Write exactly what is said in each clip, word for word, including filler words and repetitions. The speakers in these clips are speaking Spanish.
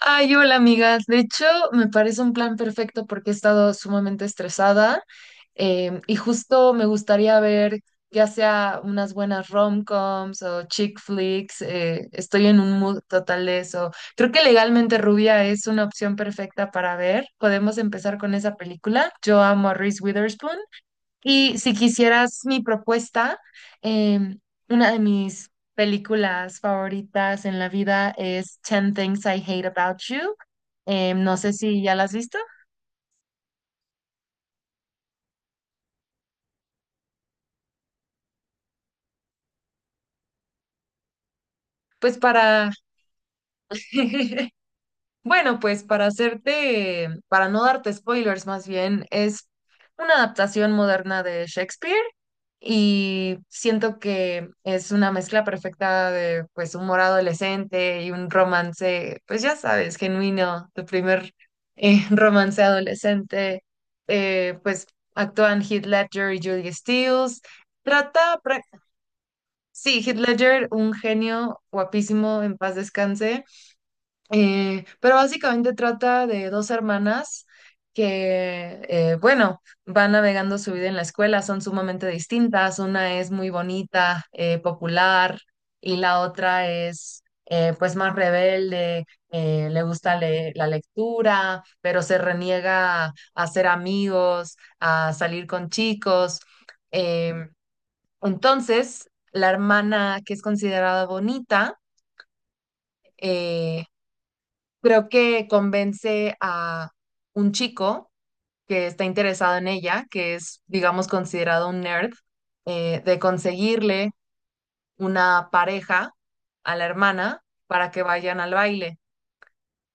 Ay, hola amigas. De hecho, me parece un plan perfecto porque he estado sumamente estresada, em, y justo me gustaría ver ya sea unas buenas rom-coms o chick flicks. Eh, estoy en un mood total de eso. Creo que Legalmente Rubia es una opción perfecta para ver. Podemos empezar con esa película. Yo amo a Reese Witherspoon, y si quisieras mi propuesta, em, una de mis películas favoritas en la vida es Ten Things I Hate About You. Em, no sé si ya la has visto. Pues para, bueno, pues para hacerte, para no darte spoilers más bien, es una adaptación moderna de Shakespeare, y siento que es una mezcla perfecta de pues humor adolescente y un romance, pues ya sabes, genuino, tu primer, eh, romance adolescente. Eh, pues actúan Heath Ledger y Julia Stiles, trata, pra- sí, Heath Ledger, un genio guapísimo, en paz descanse. Eh, pero básicamente trata de dos hermanas que, eh, bueno, van navegando su vida en la escuela, son sumamente distintas. Una es muy bonita, eh, popular, y la otra es, eh, pues, más rebelde. Eh, le gusta le- la lectura, pero se reniega a hacer amigos, a salir con chicos. Em, entonces, la hermana que es considerada bonita, eh, creo que convence a un chico que está interesado en ella, que es, digamos, considerado un nerd, eh, de conseguirle una pareja a la hermana para que vayan al baile.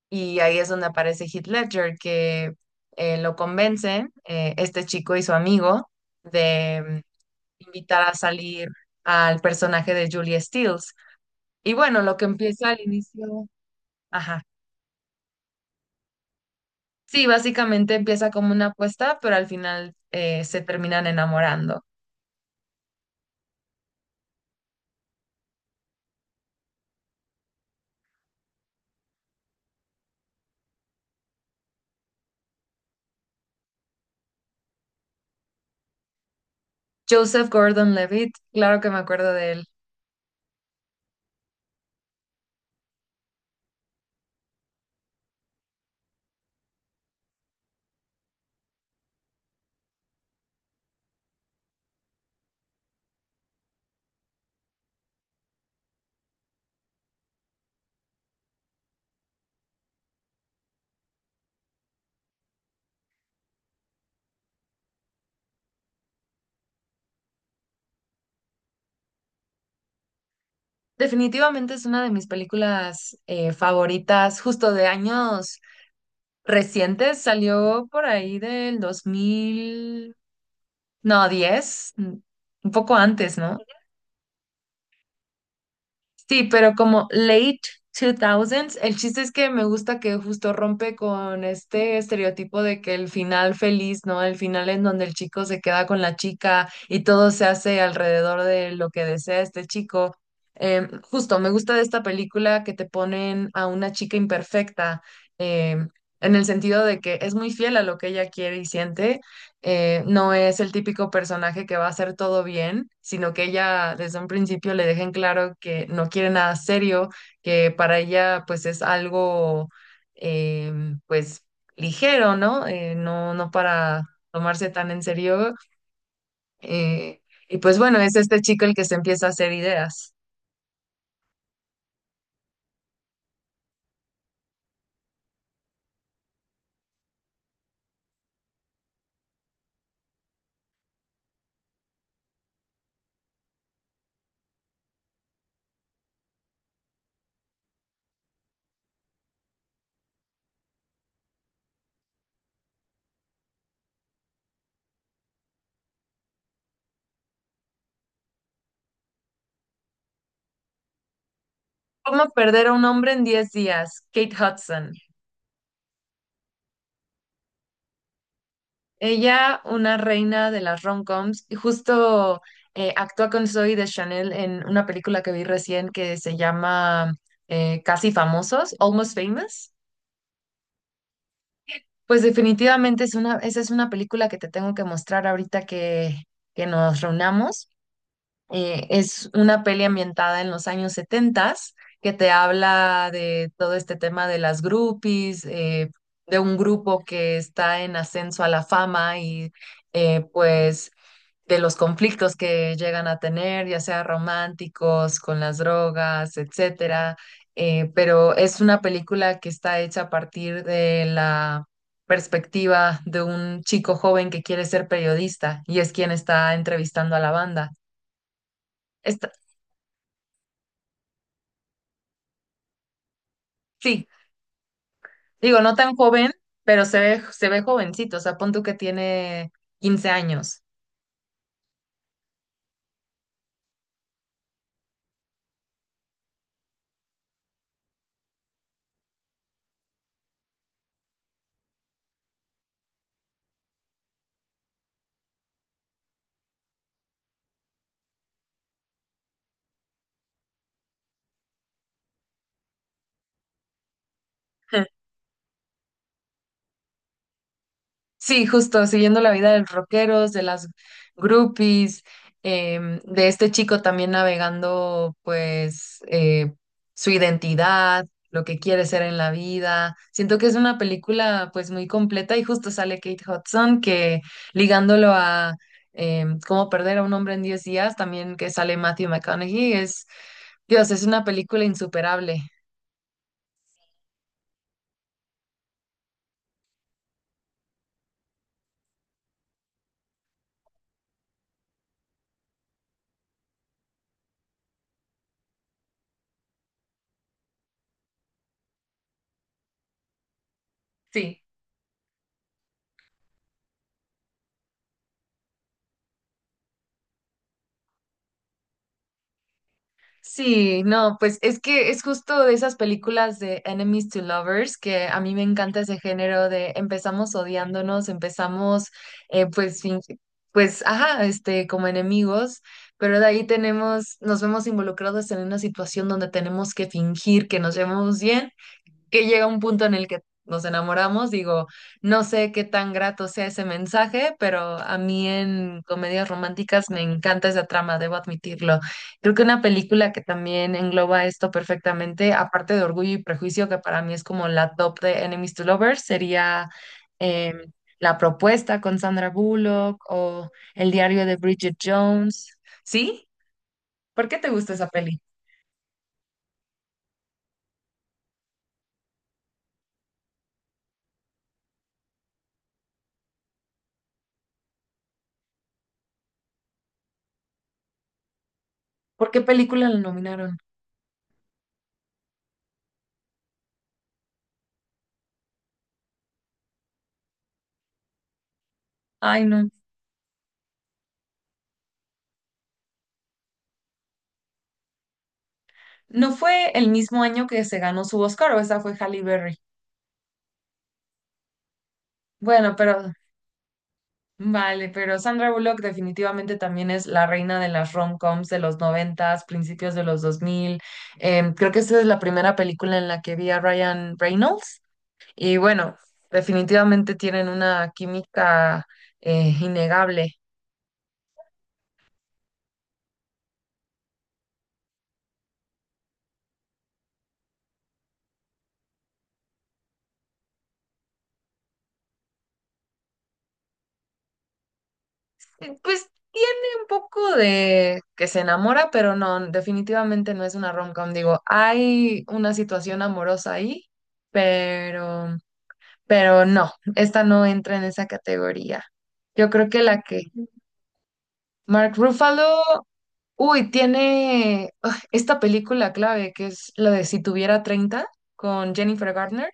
Y ahí es donde aparece Heath Ledger, que eh, lo convencen, eh, este chico y su amigo, de mm, invitar a salir al personaje de Julia Stiles. Y bueno, lo que empieza al inicio, ajá. Sí, básicamente empieza como una apuesta, pero al final eh, se terminan enamorando. Joseph Gordon-Levitt, claro que me acuerdo de él. Definitivamente es una de mis películas eh, favoritas, justo de años recientes. Salió por ahí del dos mil, no, diez, un poco antes, ¿no? Sí, pero como late dos miles, el chiste es que me gusta que justo rompe con este estereotipo de que el final feliz, ¿no? El final en donde el chico se queda con la chica y todo se hace alrededor de lo que desea este chico. Em, justo, me gusta de esta película que te ponen a una chica imperfecta, em, en el sentido de que es muy fiel a lo que ella quiere y siente. Eh, no es el típico personaje que va a hacer todo bien, sino que ella desde un principio le dejen claro que no quiere nada serio, que para ella pues es algo, eh, pues ligero, ¿no? Eh, no, no para tomarse tan en serio. eh, y pues bueno, es este chico el que se empieza a hacer ideas. ¿Cómo perder a un hombre en diez días? Kate Hudson. Ella, una reina de las rom-coms, y justo eh, actúa con Zoe de Chanel en una película que vi recién que se llama, eh, Casi Famosos, Almost Famous. Pues definitivamente es una, esa es una película que te tengo que mostrar ahorita que, que nos reunamos. Eh, es una peli ambientada en los años setenta, que te habla de todo este tema de las groupies, eh, de un grupo que está en ascenso a la fama, y eh, pues de los conflictos que llegan a tener, ya sea románticos, con las drogas, etcétera. Eh, pero es una película que está hecha a partir de la perspectiva de un chico joven que quiere ser periodista y es quien está entrevistando a la banda. Está, sí, digo, no tan joven, pero se ve, se ve jovencito, o sea, pon tú que tiene quince años. Sí, justo, siguiendo la vida de los rockeros, de las groupies, em, de este chico también navegando, pues, eh, su identidad, lo que quiere ser en la vida. Siento que es una película, pues, muy completa, y justo sale Kate Hudson, que ligándolo a em, Cómo perder a un hombre en diez días, también que sale Matthew McConaughey, es, Dios, es una película insuperable. Sí. Sí, no, pues es que es justo de esas películas de Enemies to Lovers, que a mí me encanta ese género de empezamos odiándonos, empezamos, eh, pues, fin- pues, ajá, este, como enemigos, pero de ahí tenemos, nos vemos involucrados en una situación donde tenemos que fingir que nos llevamos bien, que llega un punto en el que nos enamoramos, digo, no sé qué tan grato sea ese mensaje, pero a mí en comedias románticas me encanta esa trama, debo admitirlo. Creo que una película que también engloba esto perfectamente, aparte de Orgullo y Prejuicio, que para mí es como la top de Enemies to Lovers, sería em, La Propuesta con Sandra Bullock o El diario de Bridget Jones. ¿Sí? ¿Por qué te gusta esa peli? ¿Por qué película la nominaron? Ay, no. ¿No fue el mismo año que se ganó su Oscar, o esa fue Halle Berry? Bueno, pero vale, pero Sandra Bullock definitivamente también es la reina de las rom-coms de los noventas, principios de los dos mil. Em, creo que esa es la primera película en la que vi a Ryan Reynolds. Y bueno, definitivamente tienen una química, eh, innegable. Eh, Pues tiene un poco de que se enamora, pero no, definitivamente no es una rom-com. Digo, hay una situación amorosa ahí, pero, pero no, esta no entra en esa categoría. Yo creo que la que Mark Ruffalo, uy, tiene ah, esta película clave, que es la de Si tuviera treinta, con Jennifer Garner.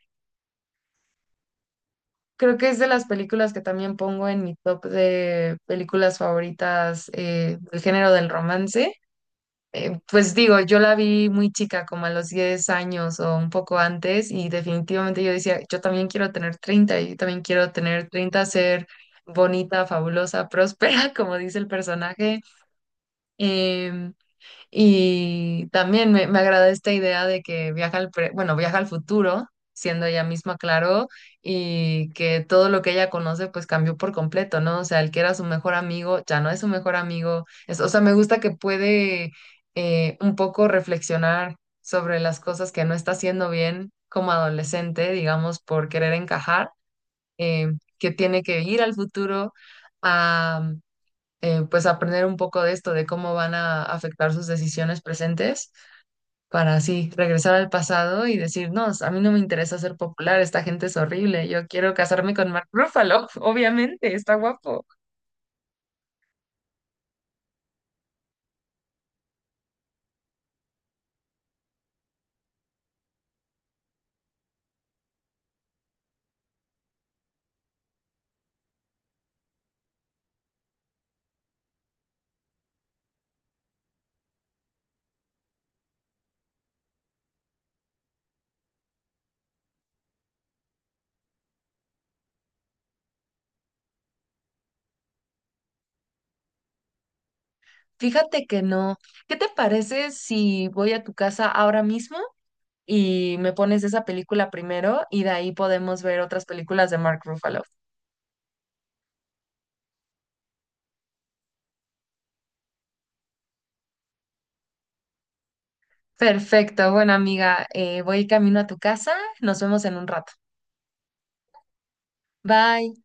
Creo que es de las películas que también pongo en mi top de películas favoritas, eh, del género del romance. Eh, pues digo, yo la vi muy chica, como a los diez años o un poco antes, y definitivamente yo decía, yo también quiero tener treinta, yo también quiero tener treinta, ser bonita, fabulosa, próspera, como dice el personaje. em, y también me, me agrada esta idea de que viaja al, pre- bueno, viaja al futuro, siendo ella misma. Claro, y que todo lo que ella conoce pues cambió por completo, ¿no? O sea, el que era su mejor amigo ya no es su mejor amigo. Es, o sea, me gusta que puede eh, un poco reflexionar sobre las cosas que no está haciendo bien como adolescente, digamos, por querer encajar. eh, que tiene que ir al futuro, eh, pues aprender un poco de esto, de cómo van a afectar sus decisiones presentes, para así regresar al pasado y decir, no, a mí no me interesa ser popular, esta gente es horrible, yo quiero casarme con Mark Ruffalo, obviamente, está guapo. Fíjate que no. ¿Qué te parece si voy a tu casa ahora mismo y me pones esa película primero y de ahí podemos ver otras películas de Mark Ruffalo? Perfecto, bueno amiga, eh, voy camino a tu casa, nos vemos en un rato. Bye.